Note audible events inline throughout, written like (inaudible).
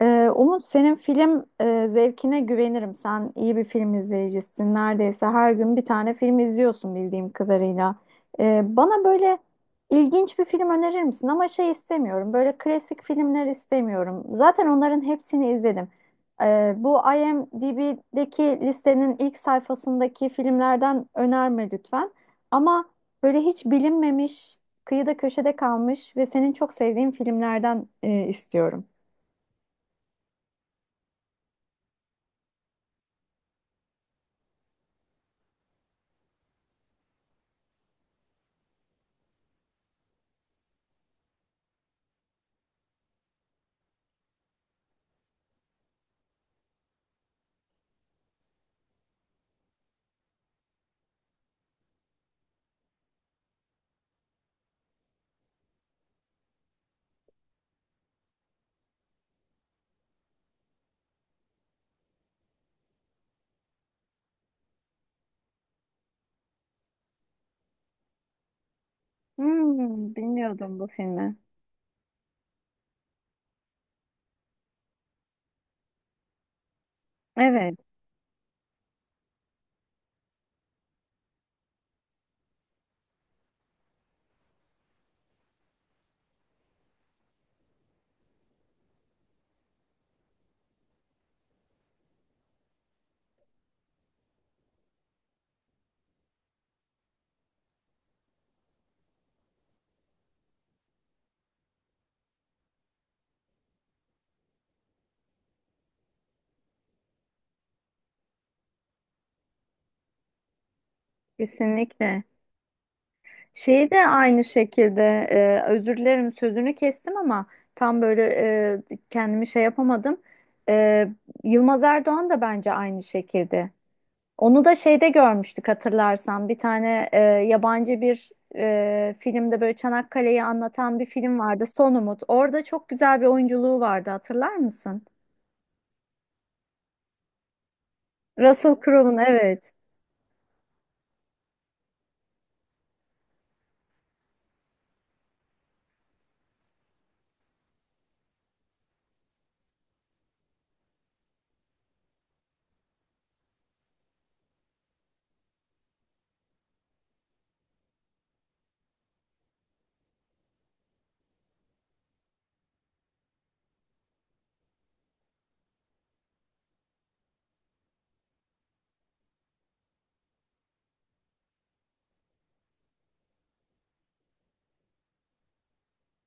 Umut, senin film zevkine güvenirim. Sen iyi bir film izleyicisin. Neredeyse her gün bir tane film izliyorsun bildiğim kadarıyla. Bana böyle ilginç bir film önerir misin? Ama şey istemiyorum. Böyle klasik filmler istemiyorum. Zaten onların hepsini izledim. Bu IMDb'deki listenin ilk sayfasındaki filmlerden önerme lütfen. Ama böyle hiç bilinmemiş, kıyıda köşede kalmış ve senin çok sevdiğin filmlerden istiyorum. Hmm, bilmiyordum bu filmi. Evet, kesinlikle. Şeyi de aynı şekilde, özür dilerim sözünü kestim ama tam böyle kendimi şey yapamadım. E, Yılmaz Erdoğan da bence aynı şekilde. Onu da şeyde görmüştük, hatırlarsan. Bir tane yabancı bir filmde böyle Çanakkale'yi anlatan bir film vardı. Son Umut. Orada çok güzel bir oyunculuğu vardı, hatırlar mısın? Russell Crowe'un, evet.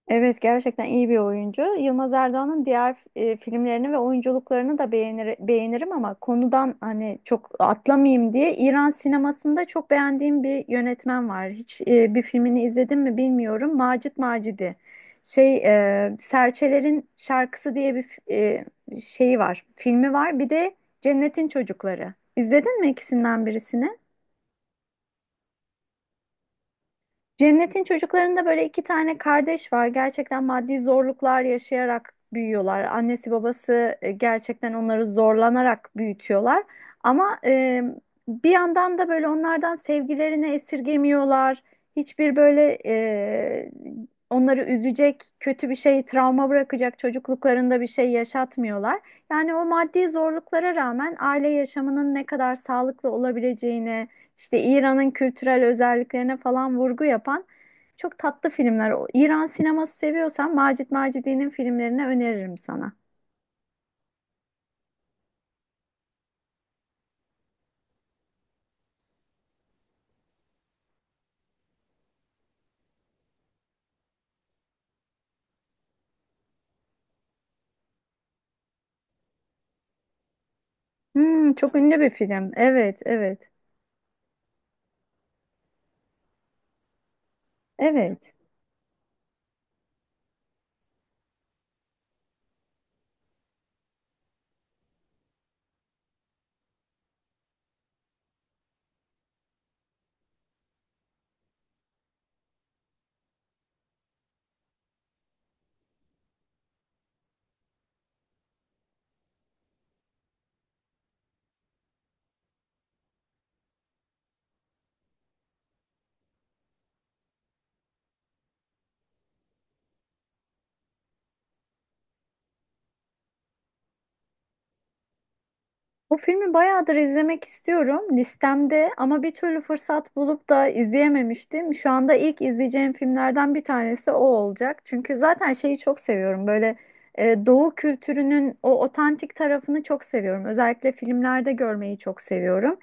Evet, gerçekten iyi bir oyuncu. Yılmaz Erdoğan'ın diğer filmlerini ve oyunculuklarını da beğenirim, ama konudan hani çok atlamayayım diye, İran sinemasında çok beğendiğim bir yönetmen var. Hiç bir filmini izledim mi bilmiyorum. Macit Macidi. Serçelerin Şarkısı diye bir şeyi var. Filmi var. Bir de Cennetin Çocukları. İzledin mi ikisinden birisini? Cennet'in çocuklarında böyle iki tane kardeş var. Gerçekten maddi zorluklar yaşayarak büyüyorlar. Annesi babası gerçekten onları zorlanarak büyütüyorlar. Ama bir yandan da böyle onlardan sevgilerini esirgemiyorlar. Hiçbir böyle onları üzecek, kötü bir şey, travma bırakacak çocukluklarında bir şey yaşatmıyorlar. Yani o maddi zorluklara rağmen aile yaşamının ne kadar sağlıklı olabileceğini, işte İran'ın kültürel özelliklerine falan vurgu yapan çok tatlı filmler. İran sineması seviyorsan Macit Macidi'nin filmlerini öneririm sana. Hmm, çok ünlü bir film. Evet, evet, evet. Bu filmi bayağıdır izlemek istiyorum listemde ama bir türlü fırsat bulup da izleyememiştim. Şu anda ilk izleyeceğim filmlerden bir tanesi o olacak. Çünkü zaten şeyi çok seviyorum, böyle, Doğu kültürünün o otantik tarafını çok seviyorum. Özellikle filmlerde görmeyi çok seviyorum.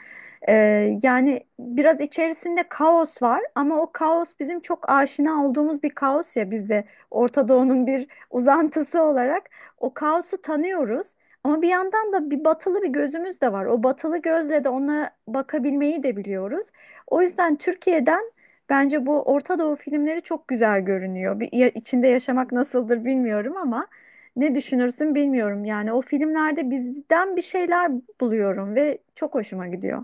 Yani biraz içerisinde kaos var ama o kaos bizim çok aşina olduğumuz bir kaos, ya biz de Orta Doğu'nun bir uzantısı olarak o kaosu tanıyoruz. Ama bir yandan da bir batılı bir gözümüz de var. O batılı gözle de ona bakabilmeyi de biliyoruz. O yüzden Türkiye'den bence bu Orta Doğu filmleri çok güzel görünüyor. İçinde yaşamak nasıldır bilmiyorum ama ne düşünürsün bilmiyorum. Yani o filmlerde bizden bir şeyler buluyorum ve çok hoşuma gidiyor.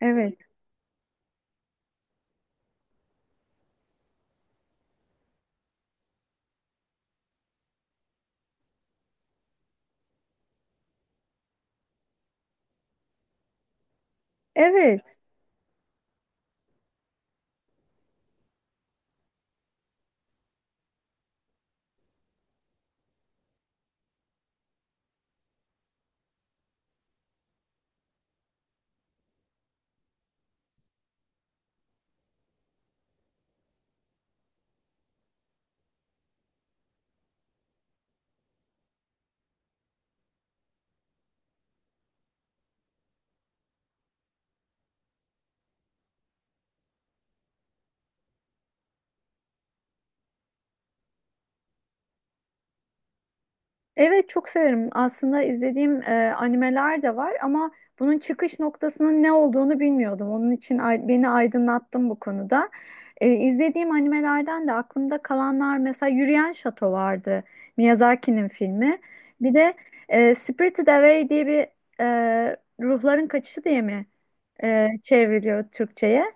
Evet. Evet. Evet, çok severim. Aslında izlediğim animeler de var ama bunun çıkış noktasının ne olduğunu bilmiyordum. Onun için beni aydınlattın bu konuda. İzlediğim animelerden de aklımda kalanlar mesela Yürüyen Şato vardı. Miyazaki'nin filmi. Bir de Spirited Away diye bir, ruhların kaçışı diye mi çevriliyor Türkçe'ye.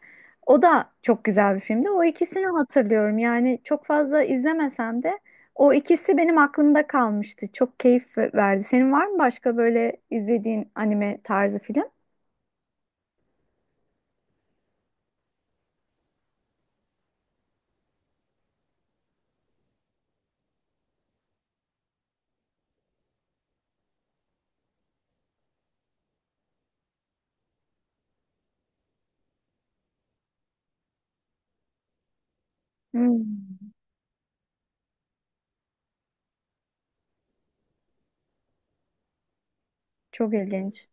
O da çok güzel bir filmdi. O ikisini hatırlıyorum. Yani çok fazla izlemesem de o ikisi benim aklımda kalmıştı. Çok keyif verdi. Senin var mı başka böyle izlediğin anime tarzı film? Hmm, çok ilginç.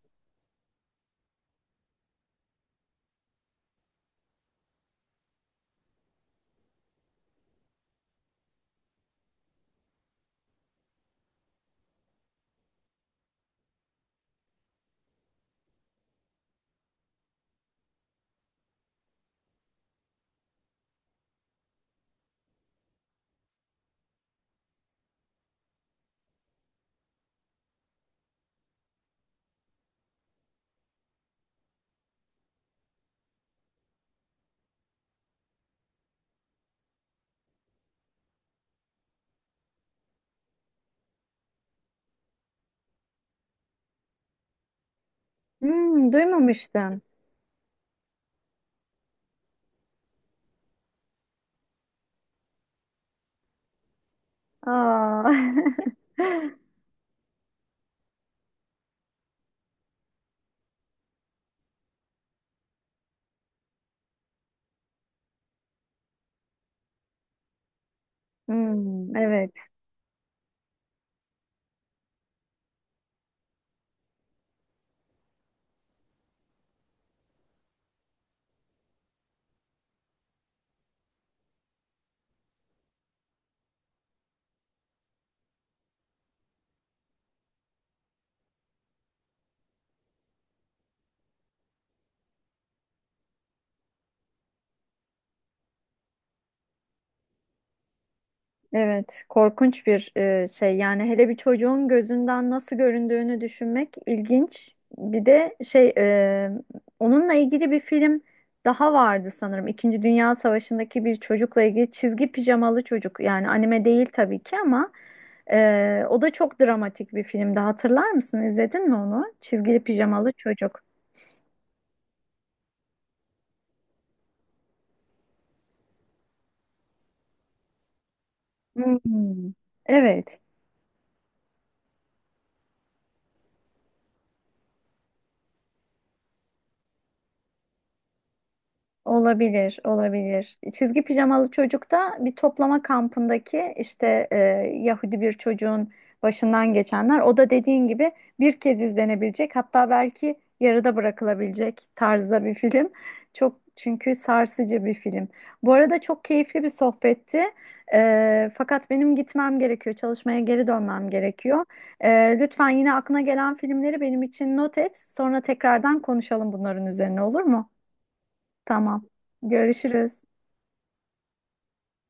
Hmm, duymamıştım. Aa. (laughs) Hmm, evet, evet. Korkunç bir şey. Yani hele bir çocuğun gözünden nasıl göründüğünü düşünmek ilginç. Bir de onunla ilgili bir film daha vardı sanırım. İkinci Dünya Savaşı'ndaki bir çocukla ilgili, çizgi pijamalı çocuk. Yani anime değil tabii ki ama o da çok dramatik bir filmdi. Hatırlar mısın? İzledin mi onu? Çizgili pijamalı çocuk. Hmm, evet. Olabilir, olabilir. Çizgi pijamalı çocuk da bir toplama kampındaki işte Yahudi bir çocuğun başından geçenler. O da dediğin gibi bir kez izlenebilecek, hatta belki yarıda bırakılabilecek tarzda bir film. Çok, çünkü sarsıcı bir film. Bu arada çok keyifli bir sohbetti. Fakat benim gitmem gerekiyor, çalışmaya geri dönmem gerekiyor. E, Lütfen yine aklına gelen filmleri benim için not et. Sonra tekrardan konuşalım bunların üzerine, olur mu? Tamam. Görüşürüz.